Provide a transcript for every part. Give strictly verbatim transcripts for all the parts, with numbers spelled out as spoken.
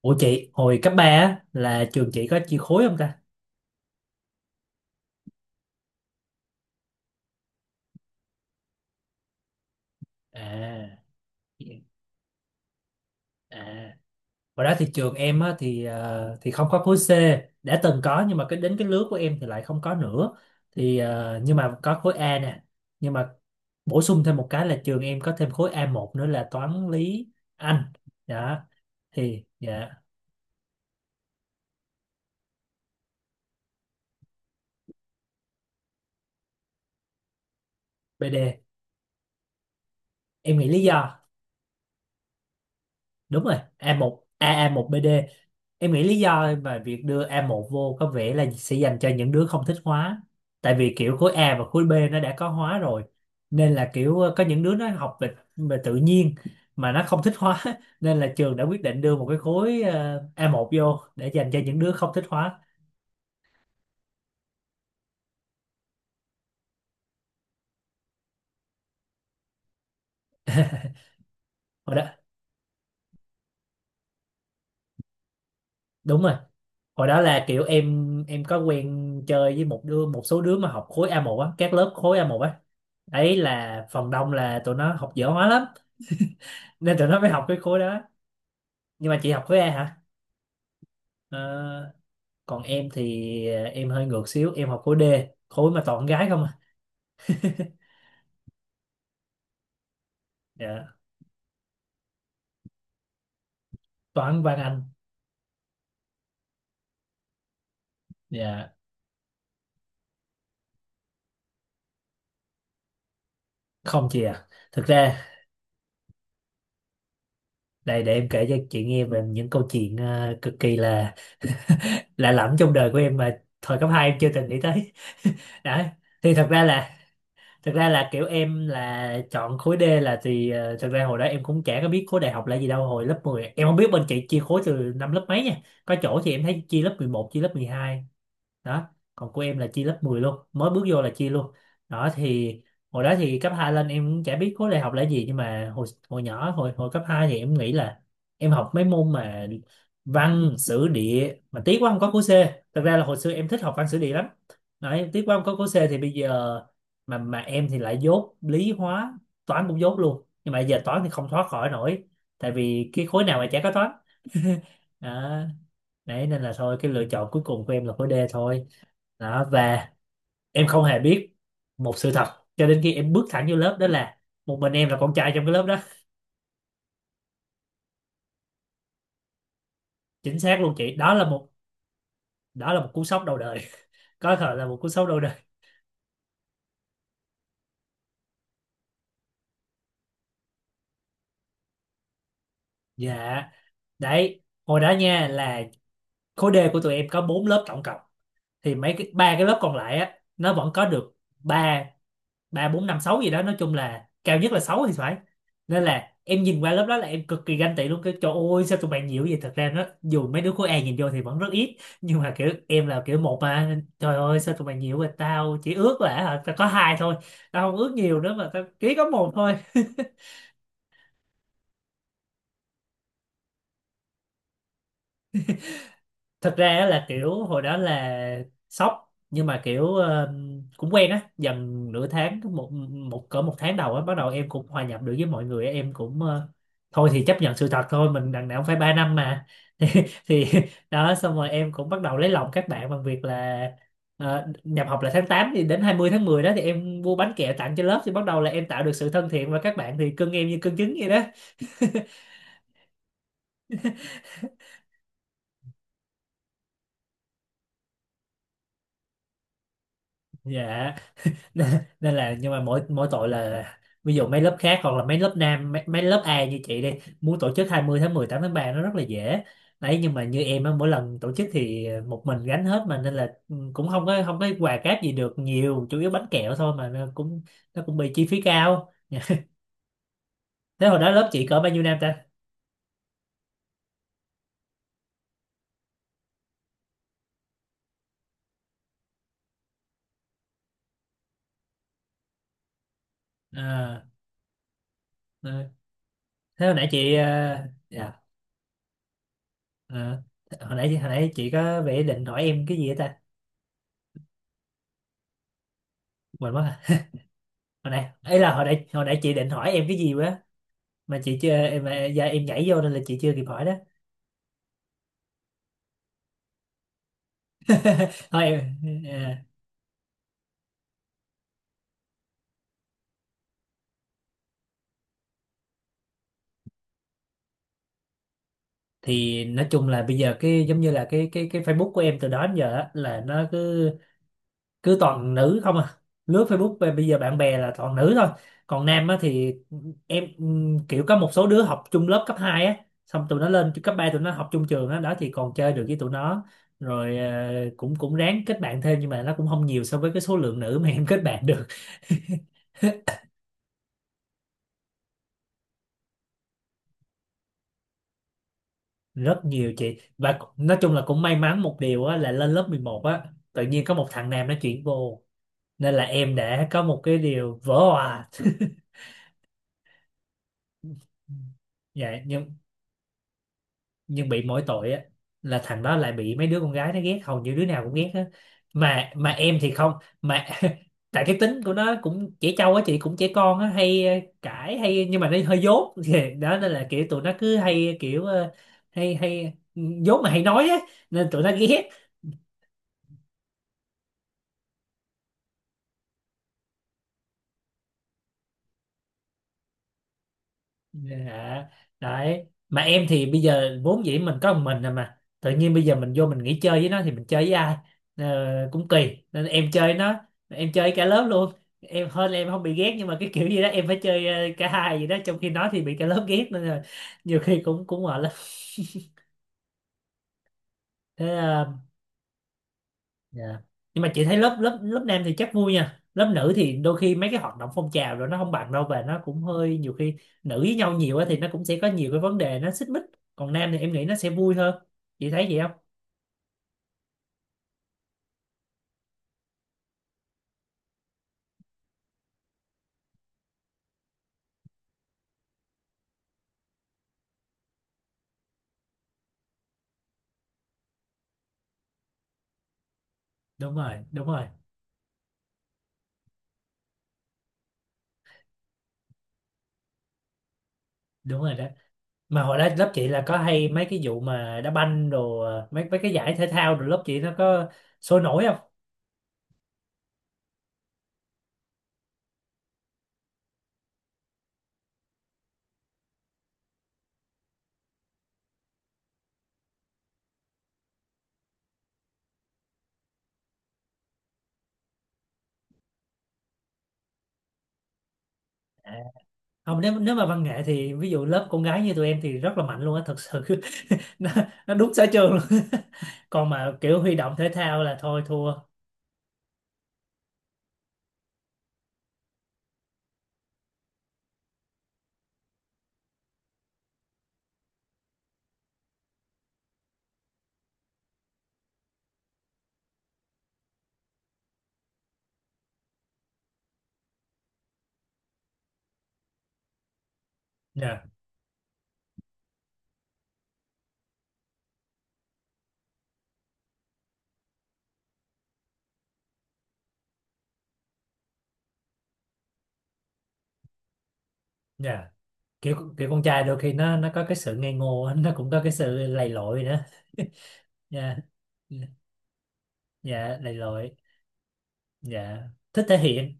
Ủa chị, hồi cấp ba á, là trường chị có chia khối không ta? À, à. Hồi đó thì trường em á, thì ờ, thì không có khối C, đã từng có nhưng mà cái đến cái lứa của em thì lại không có nữa. Thì ờ, nhưng mà có khối A nè. Nhưng mà bổ sung thêm một cái là trường em có thêm khối a một nữa là toán lý Anh. Đó, thì dạ bê đê. Em nghĩ lý do đúng rồi a 1 một a a một bê đê, em nghĩ lý do mà việc đưa a một vô có vẻ là sẽ dành cho những đứa không thích hóa, tại vì kiểu khối A và khối B nó đã có hóa rồi, nên là kiểu ờ, có những đứa nó học về, về tự nhiên mà nó không thích hóa nên là trường đã quyết định đưa một cái khối ờ, a một vô để dành cho những đứa không thích hóa. Hồi đó đúng rồi, hồi đó là kiểu em em có quen chơi với một đứa một số đứa mà học khối a một á, các lớp khối a một á, ấy là phần đông là tụi nó học dở hóa lắm, nên tụi nó mới học cái khối đó. Nhưng mà chị học khối A hả? Ờ, còn em thì ờ, em hơi ngược xíu, em học khối D, khối mà toàn gái không à. Dạ. Toán văn anh. Dạ, không chị à, thực ra đây để em kể cho chị nghe về những câu chuyện ờ, cực kỳ là lạ lẫm trong đời của em mà thời cấp hai em chưa từng nghĩ tới đấy. Thì thật ra là thật ra là kiểu em là chọn khối D là thì ờ, thật ra hồi đó em cũng chả có biết khối đại học là gì đâu, hồi lớp mười em không biết bên chị chia khối từ năm lớp mấy nha, có chỗ thì em thấy chia lớp mười một, chia lớp mười hai đó, còn của em là chia lớp mười luôn, mới bước vô là chia luôn đó. Thì hồi đó thì cấp hai lên em cũng chả biết khối đại học là gì, nhưng mà hồi hồi nhỏ hồi hồi cấp hai thì em nghĩ là em học mấy môn mà văn sử địa, mà tiếc quá không có khối C, thật ra là hồi xưa em thích học văn sử địa lắm đấy, tiếc quá không có khối C. Thì bây giờ mà mà em thì lại dốt lý hóa, toán cũng dốt luôn, nhưng mà giờ toán thì không thoát khỏi nổi tại vì cái khối nào mà chả có toán đó. Đấy nên là thôi, cái lựa chọn cuối cùng của em là khối D thôi đó. Và em không hề biết một sự thật cho đến khi em bước thẳng vô lớp đó là một mình em là con trai trong cái lớp đó. Chính xác luôn chị, đó là một, đó là một cú sốc đầu đời, có thể là một cú sốc đầu đời. Dạ, đấy, hồi đó nha, là khối D của tụi em có bốn lớp tổng cộng, thì mấy cái ba cái lớp còn lại á nó vẫn có được ba, ba bốn năm sáu gì đó, nói chung là cao nhất là sáu thì phải, nên là em nhìn qua lớp đó là em cực kỳ ganh tị luôn, cái trời ơi sao tụi bạn nhiều vậy. Thật ra nó dù mấy đứa khối A nhìn vô thì vẫn rất ít, nhưng mà kiểu em là kiểu một mà, nên trời ơi sao tụi bạn nhiều vậy, tao chỉ ước là hả, tao có hai thôi, tao không ước nhiều nữa mà tao chỉ có một thôi. Thật ra á là kiểu hồi đó là sốc nhưng mà kiểu ờ, cũng quen á dần nửa tháng, một một cỡ một tháng đầu á bắt đầu em cũng hòa nhập được với mọi người á, em cũng ờ, thôi thì chấp nhận sự thật thôi, mình đằng nào cũng phải ba năm mà thì, thì đó, xong rồi em cũng bắt đầu lấy lòng các bạn bằng việc là ờ, nhập học là tháng tám thì đến hai mươi tháng mười đó thì em mua bánh kẹo tặng cho lớp, thì bắt đầu là em tạo được sự thân thiện và các bạn thì cưng em như cưng trứng vậy đó. Dạ, nên nên là nhưng mà mỗi mỗi tội là ví dụ mấy lớp khác hoặc là mấy lớp nam mấy, mấy lớp A như chị đi, muốn tổ chức hai mươi tháng mười, tám tháng ba nó rất là dễ đấy, nhưng mà như em á mỗi lần tổ chức thì một mình gánh hết mà, nên là ừ, cũng không có, không có quà cáp gì được nhiều, chủ yếu bánh kẹo thôi, mà nó cũng nó cũng bị chi phí cao. Thế hồi đó lớp chị cỡ bao nhiêu nam ta? À, ừ. Thế hồi nãy chị à, dạ, ờ, hồi nãy hồi nãy chị có vẻ định hỏi em cái gì á ta, quên mất rồi. Hồi nãy ấy, là hồi nãy hồi nãy chị định hỏi em cái gì quá mà chị chưa em mà- dạ, em nhảy vô nên là chị chưa kịp hỏi đó. Thôi em, à, thì nói chung là bây giờ cái giống như là cái cái cái Facebook của em từ đó đến giờ á, là nó cứ cứ toàn nữ không à, lướt Facebook về bây giờ bạn bè là toàn nữ thôi, còn nam á thì em ừm, kiểu có một số đứa học chung lớp cấp hai á, xong tụi nó lên cấp ba tụi nó học chung trường á đó thì còn chơi được với tụi nó, rồi ờ, cũng cũng ráng kết bạn thêm, nhưng mà nó cũng không nhiều so với cái số lượng nữ mà em kết bạn được. Rất nhiều chị, và nói chung là cũng may mắn một điều á, là lên lớp mười một á tự nhiên có một thằng nam nó chuyển vô, nên là em đã có một cái điều vỡ òa. Dạ nhưng nhưng bị mỗi tội á là thằng đó lại bị mấy đứa con gái nó ghét, hầu như đứa nào cũng ghét á, mà mà em thì không, mà tại cái tính của nó cũng trẻ trâu á chị, cũng trẻ con á, hay ờ, cãi hay, nhưng mà nó hơi dốt. Thì đó, nên là kiểu tụi nó cứ hay kiểu ờ, hay hay ừ, dốt mà hay nói á nên tụi nó ghét. Dạ, đấy. Mà em thì bây giờ vốn dĩ mình có một mình rồi mà, tự nhiên bây giờ mình vô mình nghỉ chơi với nó thì mình chơi với ai? Ờ, cũng kỳ. Nên em chơi nó, em chơi cả lớp luôn. Em hơn là em không bị ghét, nhưng mà cái kiểu gì đó em phải chơi ờ, cả hai gì đó, trong khi nó thì bị cả lớp ghét, nên là nhiều khi cũng cũng mệt lắm. Thế ờ, dạ. Nhưng mà chị thấy lớp lớp lớp nam thì chắc vui nha, lớp nữ thì đôi khi mấy cái hoạt động phong trào rồi nó không bằng đâu, và nó cũng hơi nhiều khi nữ với nhau nhiều á thì nó cũng sẽ có nhiều cái vấn đề nó xích mích. Còn nam thì em nghĩ nó sẽ vui hơn. Chị thấy vậy không? Đúng rồi, đúng rồi, đúng rồi đó. Mà hồi đó lớp chị là có hay mấy cái vụ mà đá banh đồ, mấy mấy cái giải thể thao rồi lớp chị nó có sôi nổi không? Không, nếu nếu mà văn nghệ thì ví dụ lớp con gái như tụi em thì rất là mạnh luôn á thật sự. nó, nó đúng sở trường luôn. Còn mà kiểu huy động thể thao là thôi thua. Dạ, dạ, kiểu kiểu con trai đôi khi nó nó có cái sự ngây ngô á, nó cũng có cái sự lầy lội nữa. Dạ, dạ, dạ, lầy lội. Dạ, thích thể hiện.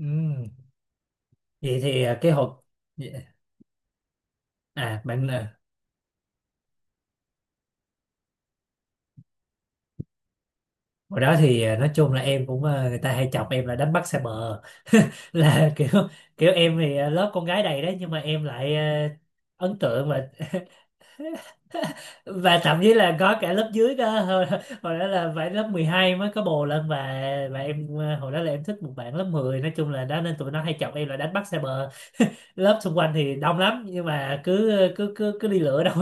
Ừm. Vậy thì à, cái hộp, dạ, à bạn à, hồi đó thì à, nói chung là em cũng à, người ta hay chọc em là đánh bắt xa bờ, là kiểu, kiểu em thì à, lớp con gái đầy đấy nhưng mà em lại à, ấn tượng và và thậm chí là có cả lớp dưới cơ, hồi, hồi đó là phải lớp mười hai mới có bồ lên, và và em à, hồi đó là em thích một bạn lớp mười nói chung là đó, nên tụi nó hay chọc em là đánh bắt xa bờ, lớp xung quanh thì đông lắm nhưng mà cứ cứ cứ cứ đi lựa đâu.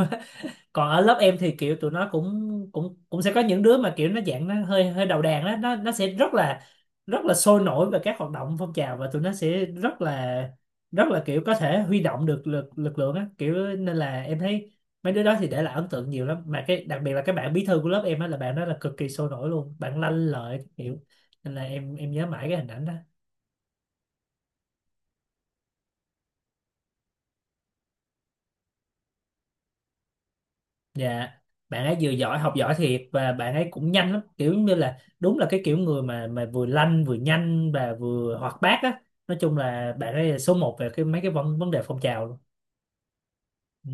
Còn ở lớp em thì kiểu tụi nó cũng cũng cũng sẽ có những đứa mà kiểu nó dạng nó hơi hơi đầu đàn đó, nó nó sẽ rất là rất là sôi nổi về các hoạt động phong trào, và tụi nó sẽ rất là rất là kiểu có thể huy động được lực lực lượng á kiểu, nên là em thấy mấy đứa đó thì để lại ấn tượng nhiều lắm, mà cái đặc biệt là cái bạn bí thư của lớp em á, là bạn đó là cực kỳ sôi nổi luôn, bạn lanh lợi kiểu, nên là em em nhớ mãi cái hình ảnh đó. Dạ, bạn ấy vừa giỏi, học giỏi thiệt, và bạn ấy cũng nhanh lắm, kiểu như là đúng là cái kiểu người mà mà vừa lanh vừa nhanh và vừa hoạt bát á. Nói chung là bạn ấy là số một về cái mấy cái vấn vấn đề phong trào luôn. Ừ,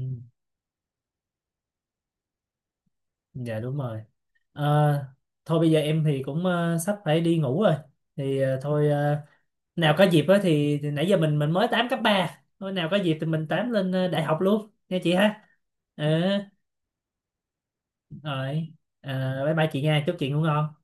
dạ đúng rồi. Ờ, thôi bây giờ em thì cũng ờ, sắp phải đi ngủ rồi. Thì ờ, thôi ờ, nào có dịp á thì, thì nãy giờ mình mình mới tám cấp ba, thôi nào có dịp thì mình tám lên ờ, đại học luôn nha chị ha. Ừ, rồi. Ờ, bye bye chị nha, chúc chị ngủ ngon.